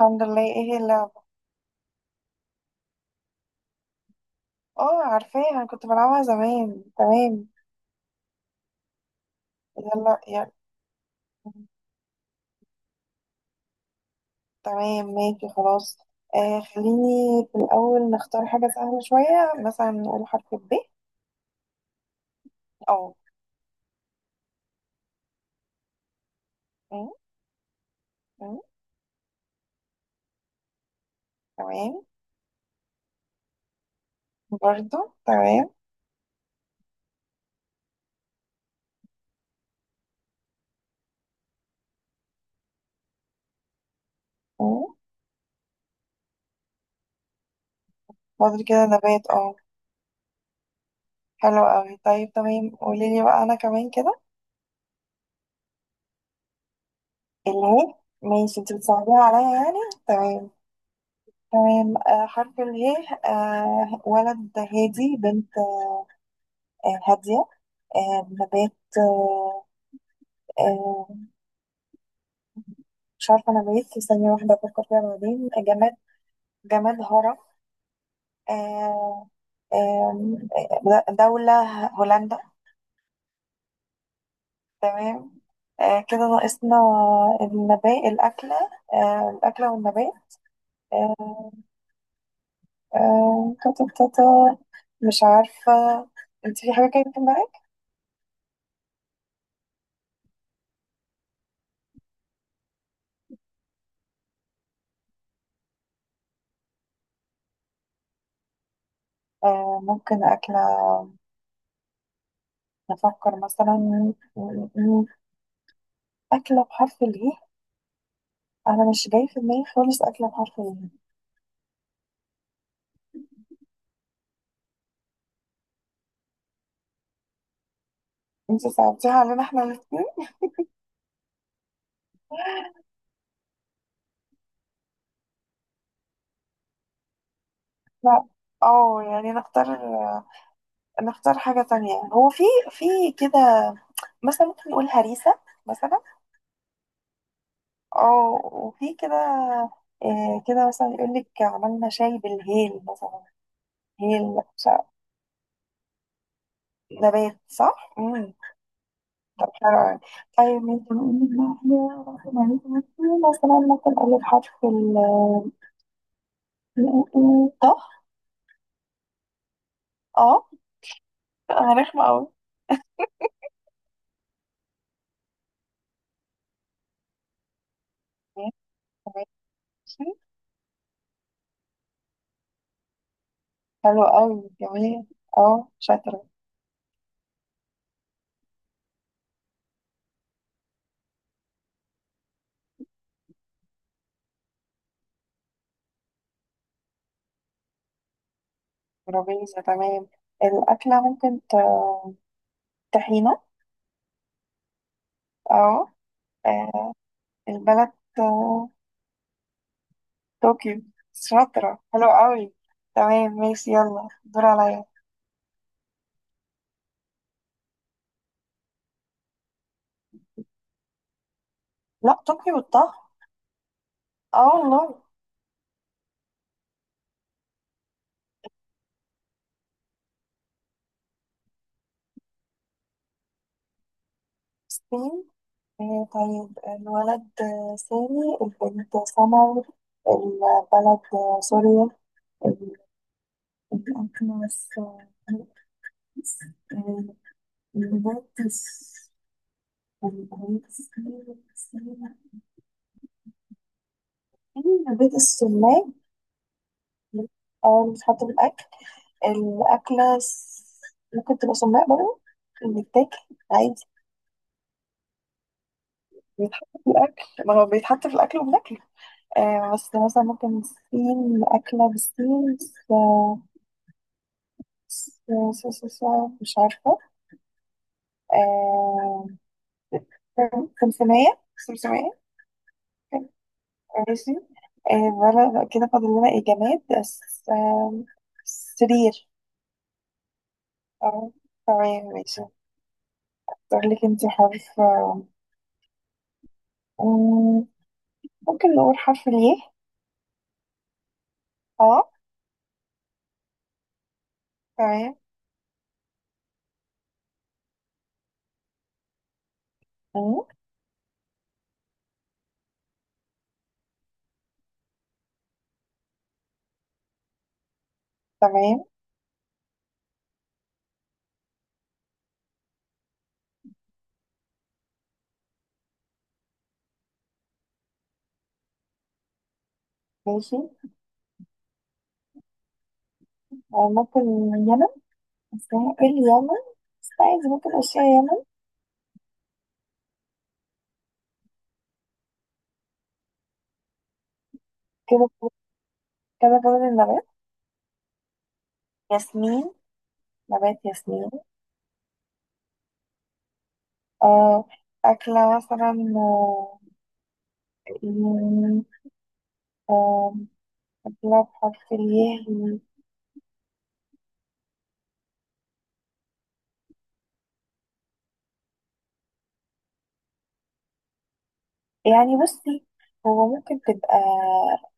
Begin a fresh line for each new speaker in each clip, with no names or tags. الحمد لله. ايه هي اللعبة؟ اه، عارفاها، انا كنت بلعبها زمان. تمام. يلا يلا. تمام، ماشي، خلاص. خليني في الأول نختار حاجة سهلة شوية، مثلا نقول حرف ب. اه. م- م- تمام. برضو. تمام. م. فاضل كده نبات، اه. حلو اوي، طيب تمام، قوليلي بقى انا كمان كده. اله. ماشي، انت بتصعبيها عليا يعني. تمام. تمام. حرف اله. ولد هادي، بنت هادية. نبات. آه، آه، مش عارفة نبات، في ثانية واحدة أفكر فيها. بعدين جماد. جماد هرة. آه، آم، آه، دولة هولندا. تمام. كده ناقصنا النبات الأكلة. الأكلة والنبات. آه، تاتا تاتا، مش عارفة. انت في حاجة كده في دماغك؟ ممكن أكلة. نفكر مثلا م- أكلة بحرف الإيه؟ أنا مش جاي في دماغي خالص أكلة بحرف الإيه. انت صعبتيها علينا احنا الاثنين. لا. اه يعني نختار حاجة تانية. هو في كده مثلا، ممكن نقول هريسة. مثلا. اه وفي كده. كده مثلا يقول لك عملنا شاي بالهيل مثلا. هيل شا- نبات، صح؟ طب حلو أوي. طيب انت بقول لك بقى حاجة رقم عليكي، مثلاً ممكن اقول لك حرف ال ط. اه. انا رخمة قوي. حلو قوي، جميل. اه، شاطرة. ترابيزة، تمام. الأكلة ممكن طحينة. اه. آه، البلد آه، طوكيو. شاطرة، حلو قوي. تمام، ماشي، يلا دور عليا. لا، طوكيو الطهي. اه والله. الصين. طيب الولد سامي، البنت سمر. البلد سوريا. ال- الأكلة آه، البنت. أنا بيت السماق. اه، اللي بتحط بالأكل. الأكلة ممكن تبقى سماق برضه، بيتاكل عادي، بيتحط في الأكل، ما هو بيتحط في الأكل وبناكله. آه، بس مثلا ممكن سين أكلة بالسين. س- س- س- س- مش عارفة. آه. سمسمية سمسمية. ماشي. كده فاضل لنا إيه، جماد بس. آه، سرير. اه. تمام، ماشي. اختار لك انت حرف مم، ممكن نقول حرف الياء. اه. تمام. مم، تمام، ماشي. ممكن يمن. بس ممكن يمن. بس عايز ممكن اشياء يمن. كده. كده جوز النبات، ياسمين. نبات ياسمين. آه، أكلة مثلا مم، آه، أكلة بحرف الياء. يعني بصي، هو ممكن تبقى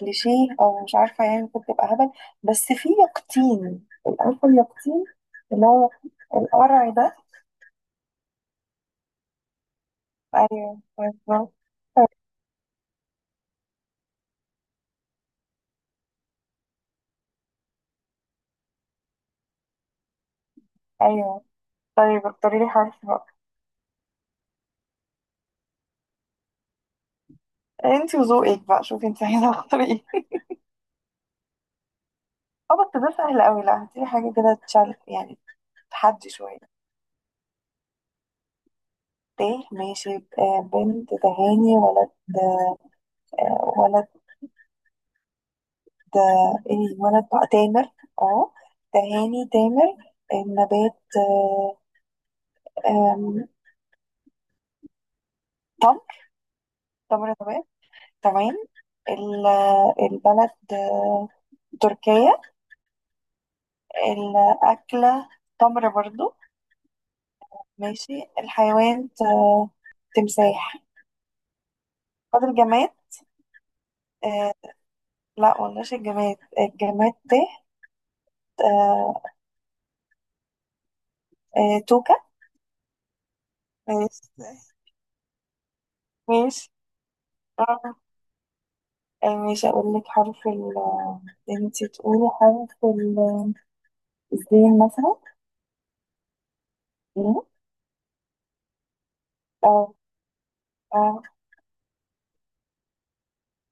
كليشيه او مش عارفه، يعني ممكن تبقى هبل، بس في يقطين. عارفه اليقطين، اللي هو القرع ده. ايوه، بالظبط. ايوه. طيب اختاري لي حرف بقى. انت وذوقك بقى، شوفي انت عايزه تختاري ايه. اه بس ده سهل قوي، لا هاتي لي حاجه كده تشال يعني، تحدي شويه. ت، ماشي. بنت تهاني، ولد ولد ده، الولد بقى تامر. اه، تهاني تامر. النبات آه، آم، تمر. تمر نبات، تمام. ال- البلد تركيا. الأكلة تمر برضو. ماشي. الحيوان تمساح. فاضل جماد. آه، لا قلناش الجماد، الجماد تحت. آه، آه توكة. ماشي. ماشي. آه، ماشي، أقول لك حرف ال، انتي تقولي حرف الزين مثلا. مم. اه. اه،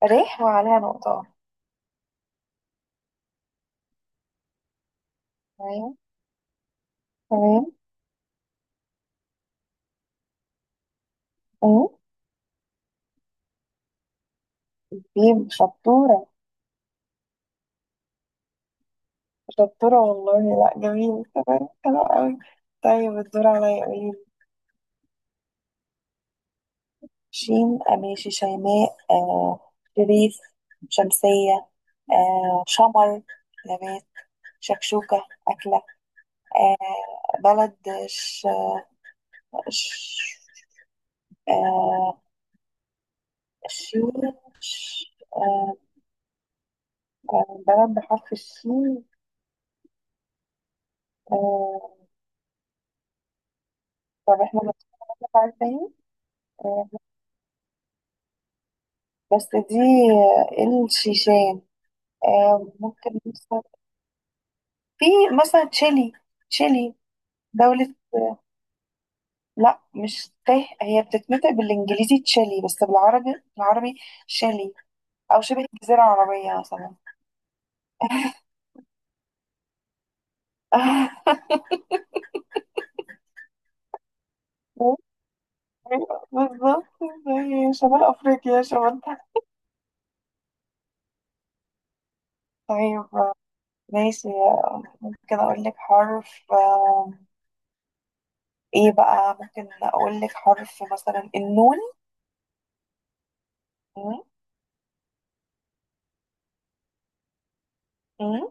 ريح وعليها نقطة. تمام. تمام. مم. طيب شطورة. شطورة والله، لا جميل، تمام حلو قوي. طيب الدور عليا، قولي. شين ماشي، شيماء، شريف، شمسية. آه شمر، نبات. شكشوكة أكلة. آه، بلد. ش... ش... آه شين. ش... آه بلد بحرف الشين. آه، طب احنا بنتكلم عن تاني. آه، بس دي الشيشان. ممكن مثلا، في مثلا تشيلي. تشيلي، دولة لا مش ته، هي بتتنطق بالانجليزي تشيلي، بس بالعربي بالعربي شيلي. او شبه الجزيرة العربية مثلا. بالظبط. زي شمال افريقيا شمال تحت. طيب، ماشي. ممكن اقول لك حرف ايه بقى، ممكن اقول لك حرف مثلا النون. مم.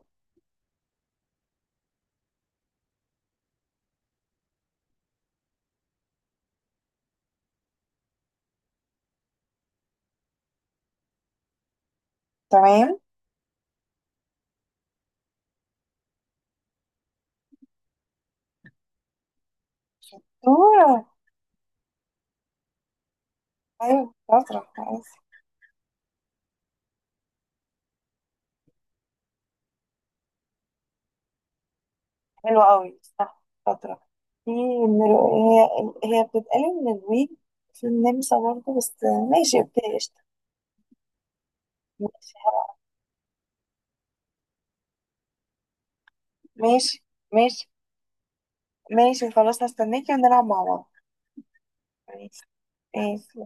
تمام. دورة. أيوة، شاطرة كويس. حلوة أوي، صح، شاطرة. في هي بتتقال من الويج، في النمسا برضه بس. ماشي، أوكي، قشطة. ماشي، ماشي، ماشي، خلاص هستناكي ونلعب مع بعض. ماشي. ماشي.